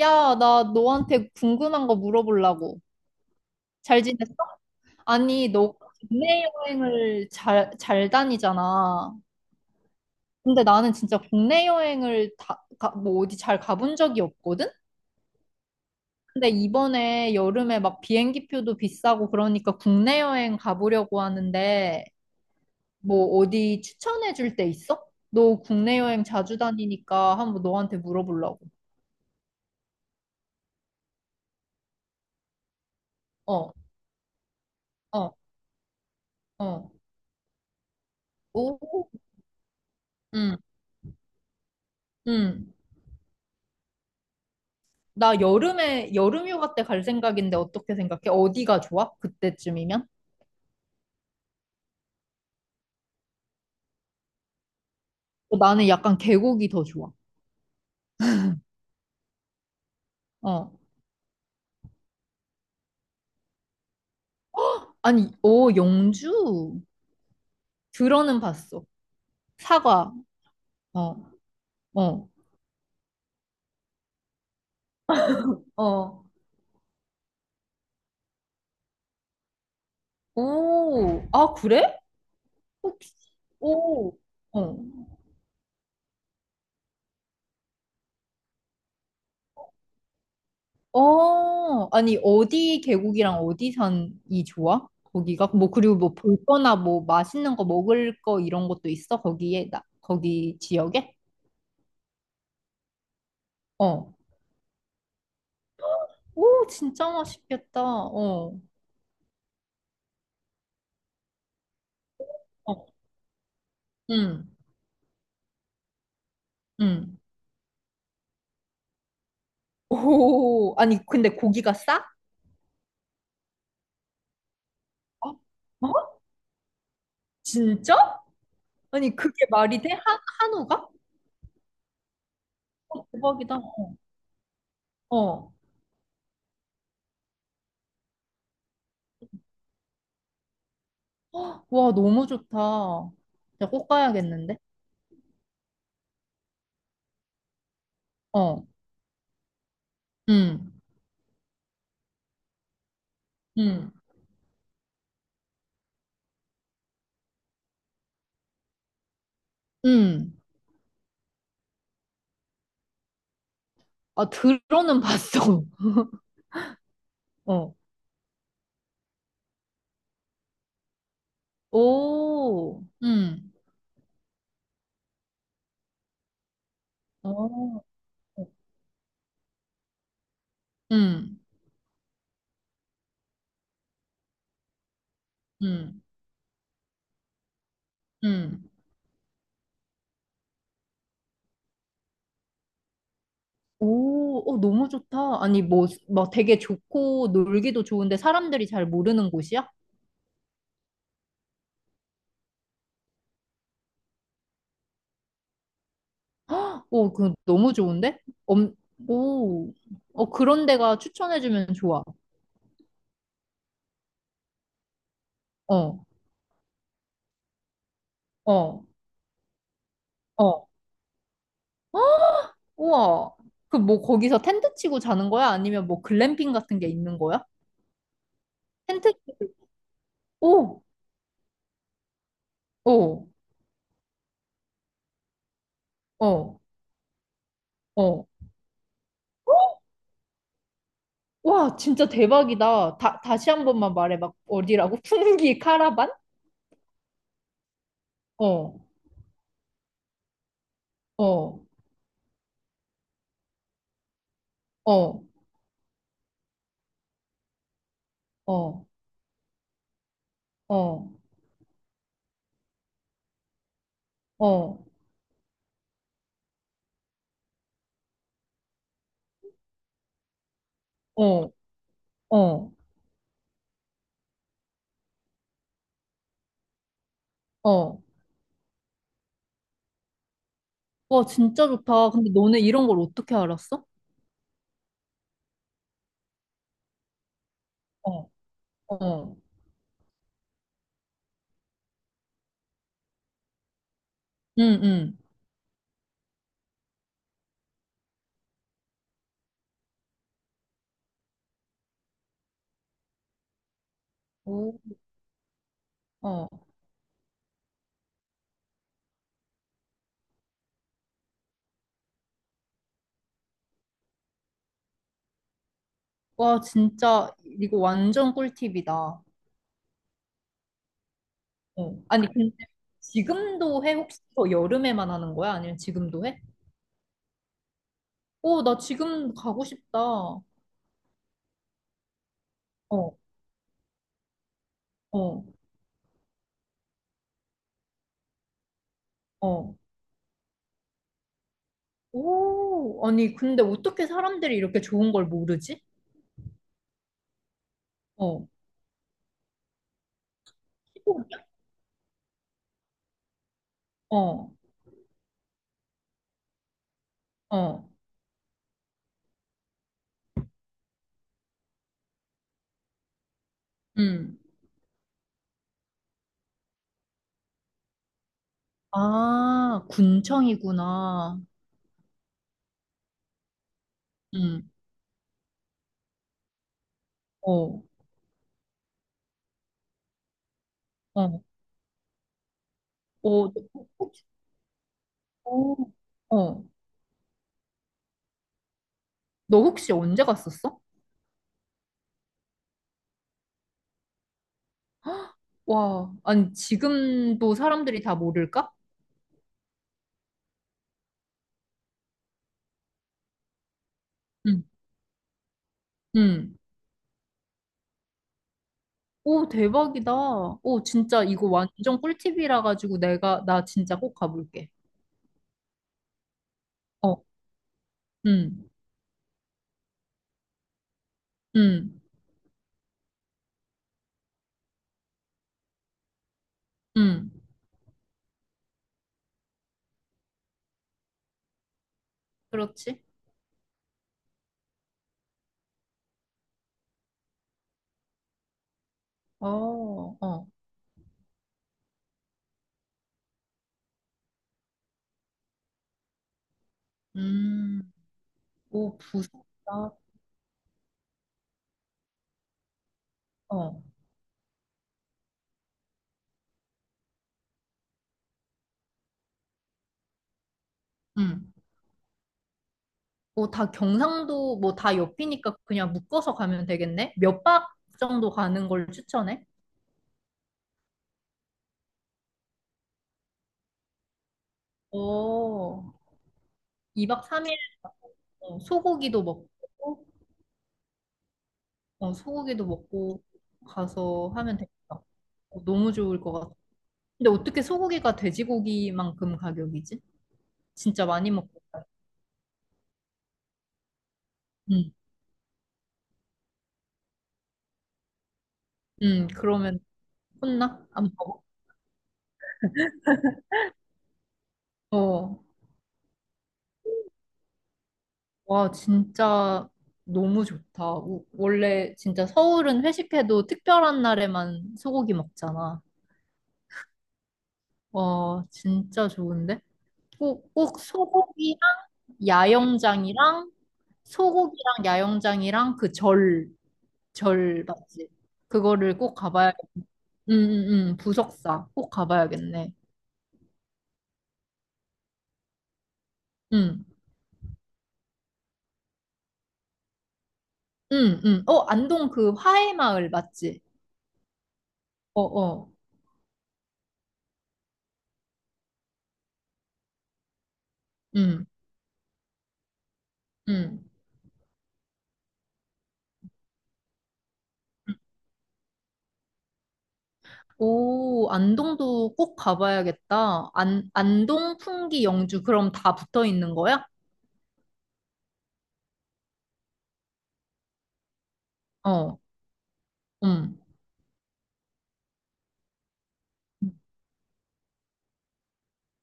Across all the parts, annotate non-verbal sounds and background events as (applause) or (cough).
야, 나 너한테 궁금한 거 물어보려고. 잘 지냈어? 아니, 너 국내 여행을 잘 다니잖아. 근데 나는 진짜 국내 여행을 뭐 어디 잘 가본 적이 없거든? 근데 이번에 여름에 막 비행기표도 비싸고 그러니까 국내 여행 가보려고 하는데 뭐 어디 추천해 줄 데 있어? 너 국내 여행 자주 다니니까 한번 너한테 물어보려고. 어, 어, 어. 오, 응, 응. 나 여름에 여름 휴가 때 갈 생각인데 어떻게 생각해? 어디가 좋아? 그때쯤이면? 어, 나는 약간 계곡이 더 좋아. 어. 아니, 오, 영주? 들어는 봤어. 사과. 어. 어. 어. 오. 아, 그래? 혹시- 오. 어. 어. 아니, 어디 계곡이랑 어디 산이 좋아? 거기가? 뭐, 그리고 뭐 볼 거나 뭐 맛있는 거 먹을 거 이런 것도 있어? 거기에, 나, 거기 지역에? 어. 오, 진짜 맛있겠다. 어, 어, 응, 응. 오, 아니, 근데 고기가 싸? 어? 어? 진짜? 아니, 그게 말이 돼? 한우가? 어, 대박이다. 어, 어. 와, 너무 좋다. 진짜 꼭 가야겠는데? 어, 응, 응, 응. 아, 들어는 봤어. (laughs) 어, 오, 응, 어, 응, 응, 응. 오, 어, 너무 좋다. 아니, 뭐, 막 되게 좋고 놀기도 좋은데 사람들이 잘 모르는 곳이야? 헉, 오, 그 너무 좋은데? 엄, 오, 어, 그런 데가 추천해주면 좋아. 어, 어, 어, 우와. 그 뭐 거기서 텐트 치고 자는 거야? 아니면 뭐 글램핑 같은 게 있는 거야? 텐트? 오, 오, 어, 어. 와, 진짜 대박이다. 다시 한 번만 말해. 막 어디라고? (laughs) 풍기 카라반? 어, 어, 어, 어, 어. 어, 어, 어, 어. 와, 진짜 좋다. 근데 너네 이런 걸 어떻게 알았어? 어, 어, 응, 응. 오, 어. 와, 진짜 이거 완전 꿀팁이다. 어. 아니, 근데 지금도 해? 혹시 더 여름에만 하는 거야? 아니면 지금도 해? 오, 나 지금 가고 싶다. 어, 어, 어. 오, 아니, 근데 어떻게 사람들이 이렇게 좋은 걸 모르지? 어, 피 어, 어, 응. 아, 군청이구나. 응. 어, 어, 어, 너 혹시, 어, 어. 너 혹시 언제 갔었어? 와, 아니, 지금도 사람들이 다 모를까? 응, 응. 오, 대박이다. 오, 진짜 이거 완전 꿀팁이라 가지고 나 진짜 꼭 가볼게. 어, 응, 응, 응. 그렇지? 어, 어. 음, 오, 부럽다. 어, 응. 뭐 다 경상도 뭐 다 옆이니까 그냥 묶어서 가면 되겠네? 몇 박 정도 가는 걸 추천해? 어, 2박 3일. 어, 소고기도 먹고, 어, 소고기도 먹고 가서 하면 되겠다. 어, 너무 좋을 것 같아. 근데 어떻게 소고기가 돼지고기만큼 가격이지? 진짜 많이 먹고 가요. 응, 응, 그러면 혼나? 안 먹어? 어, 와, 진짜 너무 좋다. 우- 원래 진짜 서울은 회식해도 특별한 날에만 소고기 먹잖아. 와, 진짜 좋은데? 꼭 소고기랑 야영장이랑 소고기랑 야영장이랑 그 절, 절 맞지? 그거를 꼭 가봐야, 응, 응, 응, 부석사 꼭 가봐야겠네. 응, 응, 응. 어, 안동 그 화해마을 맞지? 어, 어, 응, 응. 오, 안동도 꼭 가봐야겠다. 안, 안동, 풍기, 영주, 그럼 다 붙어 있는 거야? 어, 음.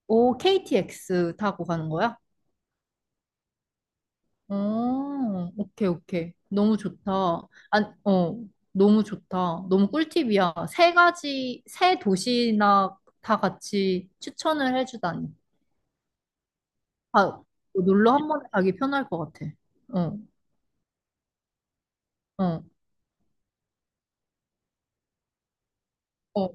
오, KTX 타고 가는 거야? 어, 오케이, 오케이. 너무 좋다. 안, 어, 너무 좋다. 너무 꿀팁이야. 세 가지, 세 도시나 다 같이 추천을 해주다니. 아, 놀러 한 번에 가기 편할 것 같아. 어, 어, 어.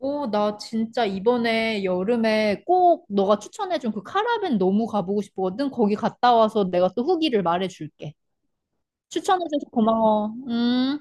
오, 나 진짜 이번에 여름에 꼭 너가 추천해준 그 카라벤 너무 가보고 싶거든. 거기 갔다 와서 내가 또 후기를 말해줄게. 추천해줘서 고마워. 음.